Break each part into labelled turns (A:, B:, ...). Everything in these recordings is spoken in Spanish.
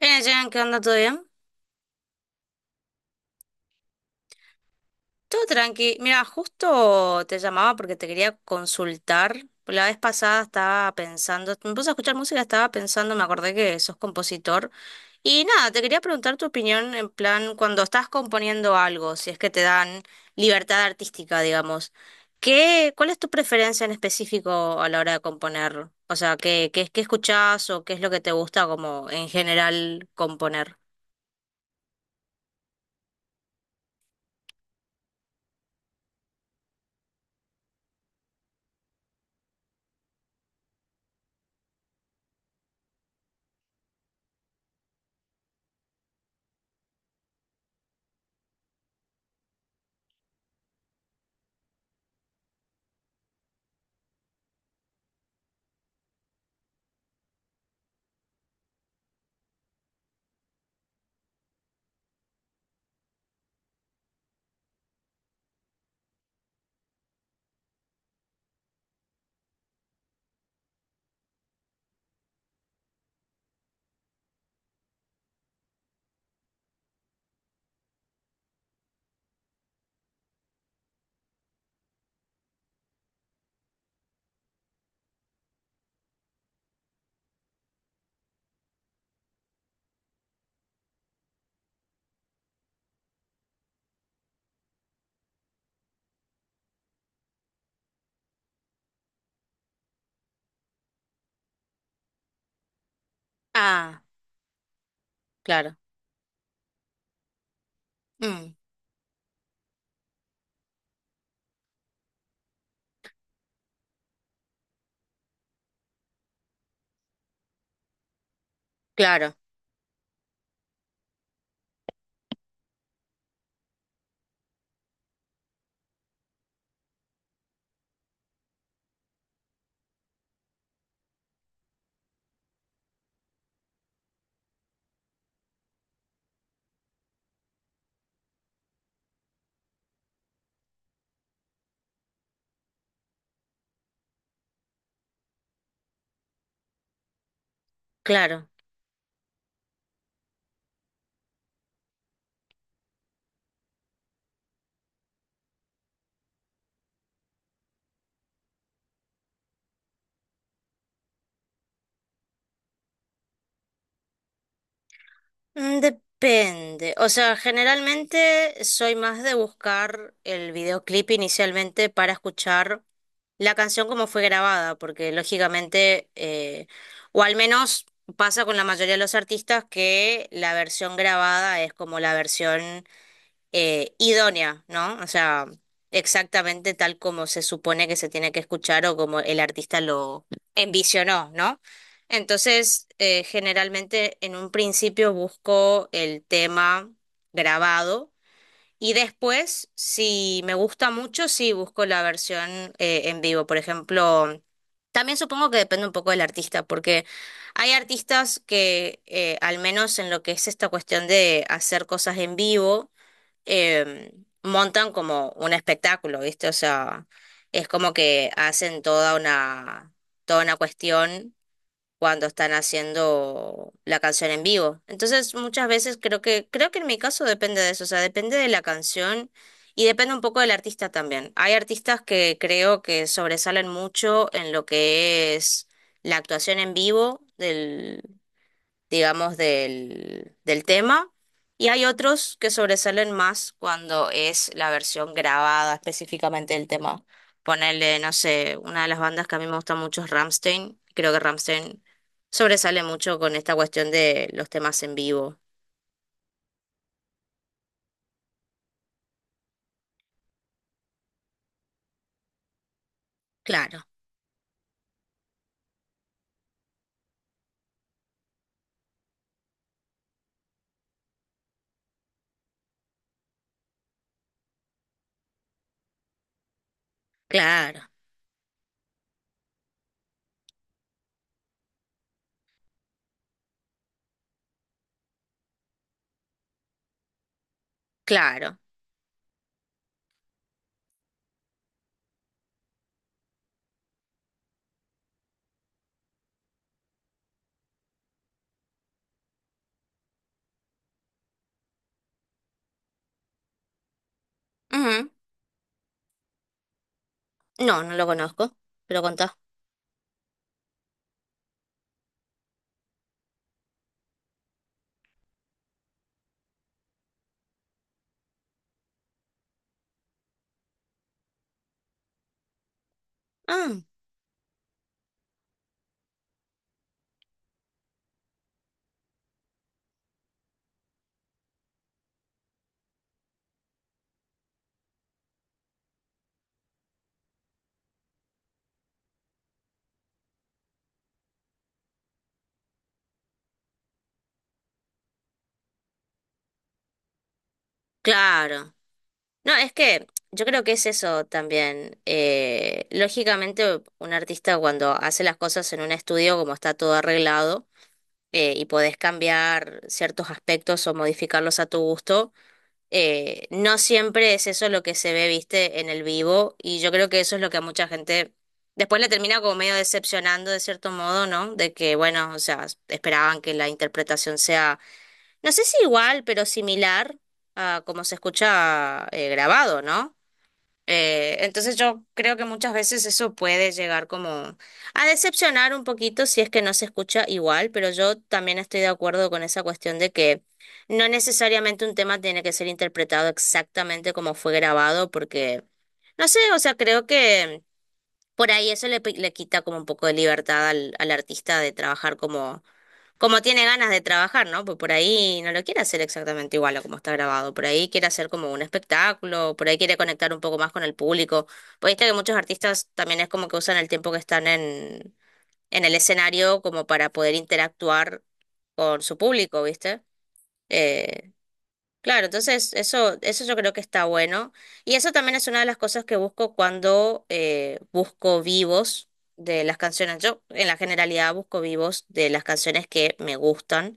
A: Bien, Jen, ¿qué onda? ¿Todo bien? Todo tranqui. Mira, justo te llamaba porque te quería consultar. La vez pasada estaba pensando, me puse a escuchar música, estaba pensando, me acordé que sos compositor. Y nada, te quería preguntar tu opinión en plan, cuando estás componiendo algo, si es que te dan libertad artística, digamos. ¿Qué, cuál es tu preferencia en específico a la hora de componer? O sea, ¿qué, qué, qué escuchás o qué es lo que te gusta como en general componer? Ah, claro. Mm, claro. Claro. Mm, depende. O sea, generalmente soy más de buscar el videoclip inicialmente para escuchar la canción como fue grabada, porque lógicamente, o al menos pasa con la mayoría de los artistas que la versión grabada es como la versión idónea, ¿no? O sea, exactamente tal como se supone que se tiene que escuchar o como el artista lo envisionó, ¿no? Entonces, generalmente en un principio busco el tema grabado y después, si me gusta mucho, sí busco la versión en vivo. Por ejemplo, también supongo que depende un poco del artista, porque hay artistas que, al menos en lo que es esta cuestión de hacer cosas en vivo, eh, montan como un espectáculo, ¿viste? O sea, es como que hacen toda una cuestión cuando están haciendo la canción en vivo. Entonces, muchas veces creo que en mi caso depende de eso, o sea, depende de la canción y depende un poco del artista también. Hay artistas que creo que sobresalen mucho en lo que es la actuación en vivo del, digamos, del, del tema. Y hay otros que sobresalen más cuando es la versión grabada específicamente del tema. Ponerle, no sé, una de las bandas que a mí me gusta mucho es Rammstein. Creo que Rammstein sobresale mucho con esta cuestión de los temas en vivo. Claro, claro, claro. Ujú. No, no lo conozco, pero contá. Ah, claro. No, es que yo creo que es eso también. Lógicamente, un artista cuando hace las cosas en un estudio, como está todo arreglado, y podés cambiar ciertos aspectos o modificarlos a tu gusto, no siempre es eso lo que se ve, viste, en el vivo, y yo creo que eso es lo que a mucha gente después le termina como medio decepcionando de cierto modo, ¿no? De que, bueno, o sea, esperaban que la interpretación sea, no sé si igual, pero similar a como se escucha grabado, ¿no? Entonces yo creo que muchas veces eso puede llegar como a decepcionar un poquito si es que no se escucha igual, pero yo también estoy de acuerdo con esa cuestión de que no necesariamente un tema tiene que ser interpretado exactamente como fue grabado, porque, no sé, o sea, creo que por ahí eso le, le quita como un poco de libertad al, al artista de trabajar como como tiene ganas de trabajar, ¿no? Pues por ahí no lo quiere hacer exactamente igual a como está grabado. Por ahí quiere hacer como un espectáculo, por ahí quiere conectar un poco más con el público. Pues viste que muchos artistas también es como que usan el tiempo que están en el escenario como para poder interactuar con su público, ¿viste? Eh, claro, entonces eso yo creo que está bueno. Y eso también es una de las cosas que busco cuando busco vivos de las canciones. Yo en la generalidad busco vivos de las canciones que me gustan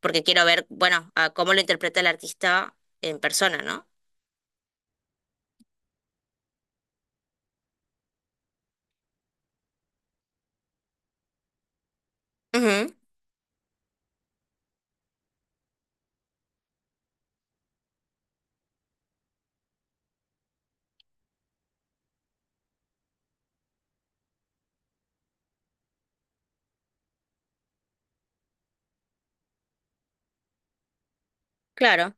A: porque quiero ver, bueno, a cómo lo interpreta el artista en persona, ¿no? Ujú, claro,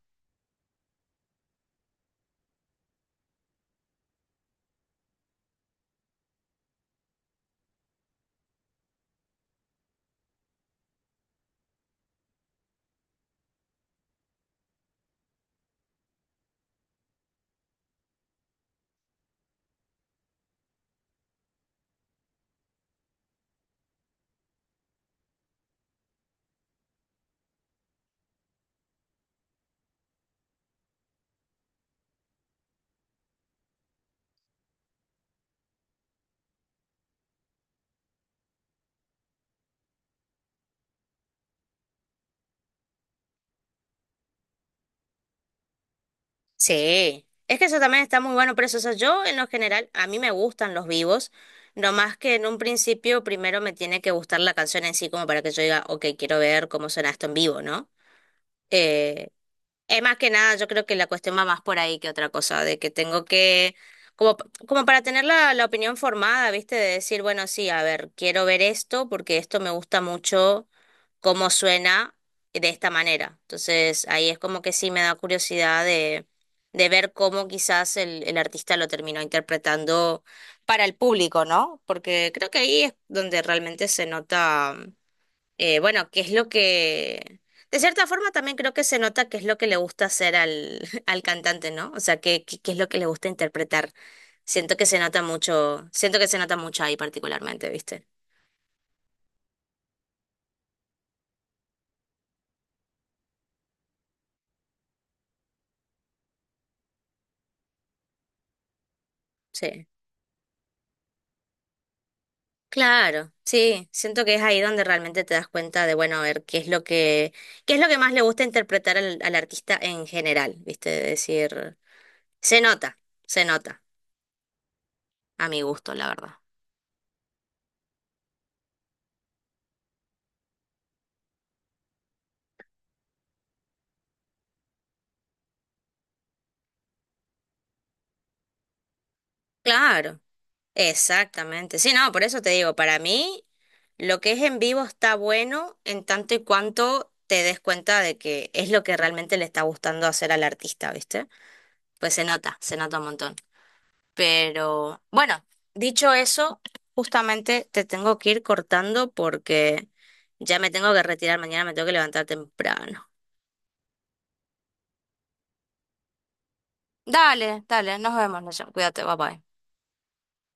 A: sí. Es que eso también está muy bueno, pero eso, o sea, yo en lo general, a mí me gustan los vivos, no más que en un principio primero me tiene que gustar la canción en sí, como para que yo diga, ok, quiero ver cómo suena esto en vivo, ¿no? Eh, es más que nada, yo creo que la cuestión va más por ahí que otra cosa, de que tengo que, como, como para tener la, la opinión formada, ¿viste? De decir, bueno, sí, a ver, quiero ver esto porque esto me gusta mucho cómo suena de esta manera. Entonces ahí es como que sí me da curiosidad de ver cómo quizás el artista lo terminó interpretando para el público, ¿no? Porque creo que ahí es donde realmente se nota, bueno, qué es lo que... De cierta forma también creo que se nota qué es lo que le gusta hacer al, al cantante, ¿no? O sea, qué, qué, qué es lo que le gusta interpretar. Siento que se nota mucho, siento que se nota mucho ahí particularmente, ¿viste? Sí. Claro, sí, siento que es ahí donde realmente te das cuenta de, bueno, a ver qué es lo que, qué es lo que más le gusta interpretar al, al artista en general, ¿viste? De decir, se nota, se nota, a mi gusto, la verdad. Claro, exactamente. Sí, no, por eso te digo, para mí lo que es en vivo está bueno en tanto y cuanto te des cuenta de que es lo que realmente le está gustando hacer al artista, ¿viste? Pues se nota un montón. Pero bueno, dicho eso, justamente te tengo que ir cortando porque ya me tengo que retirar mañana, me tengo que levantar temprano. Dale, dale, nos vemos, Nación. Cuídate, bye bye.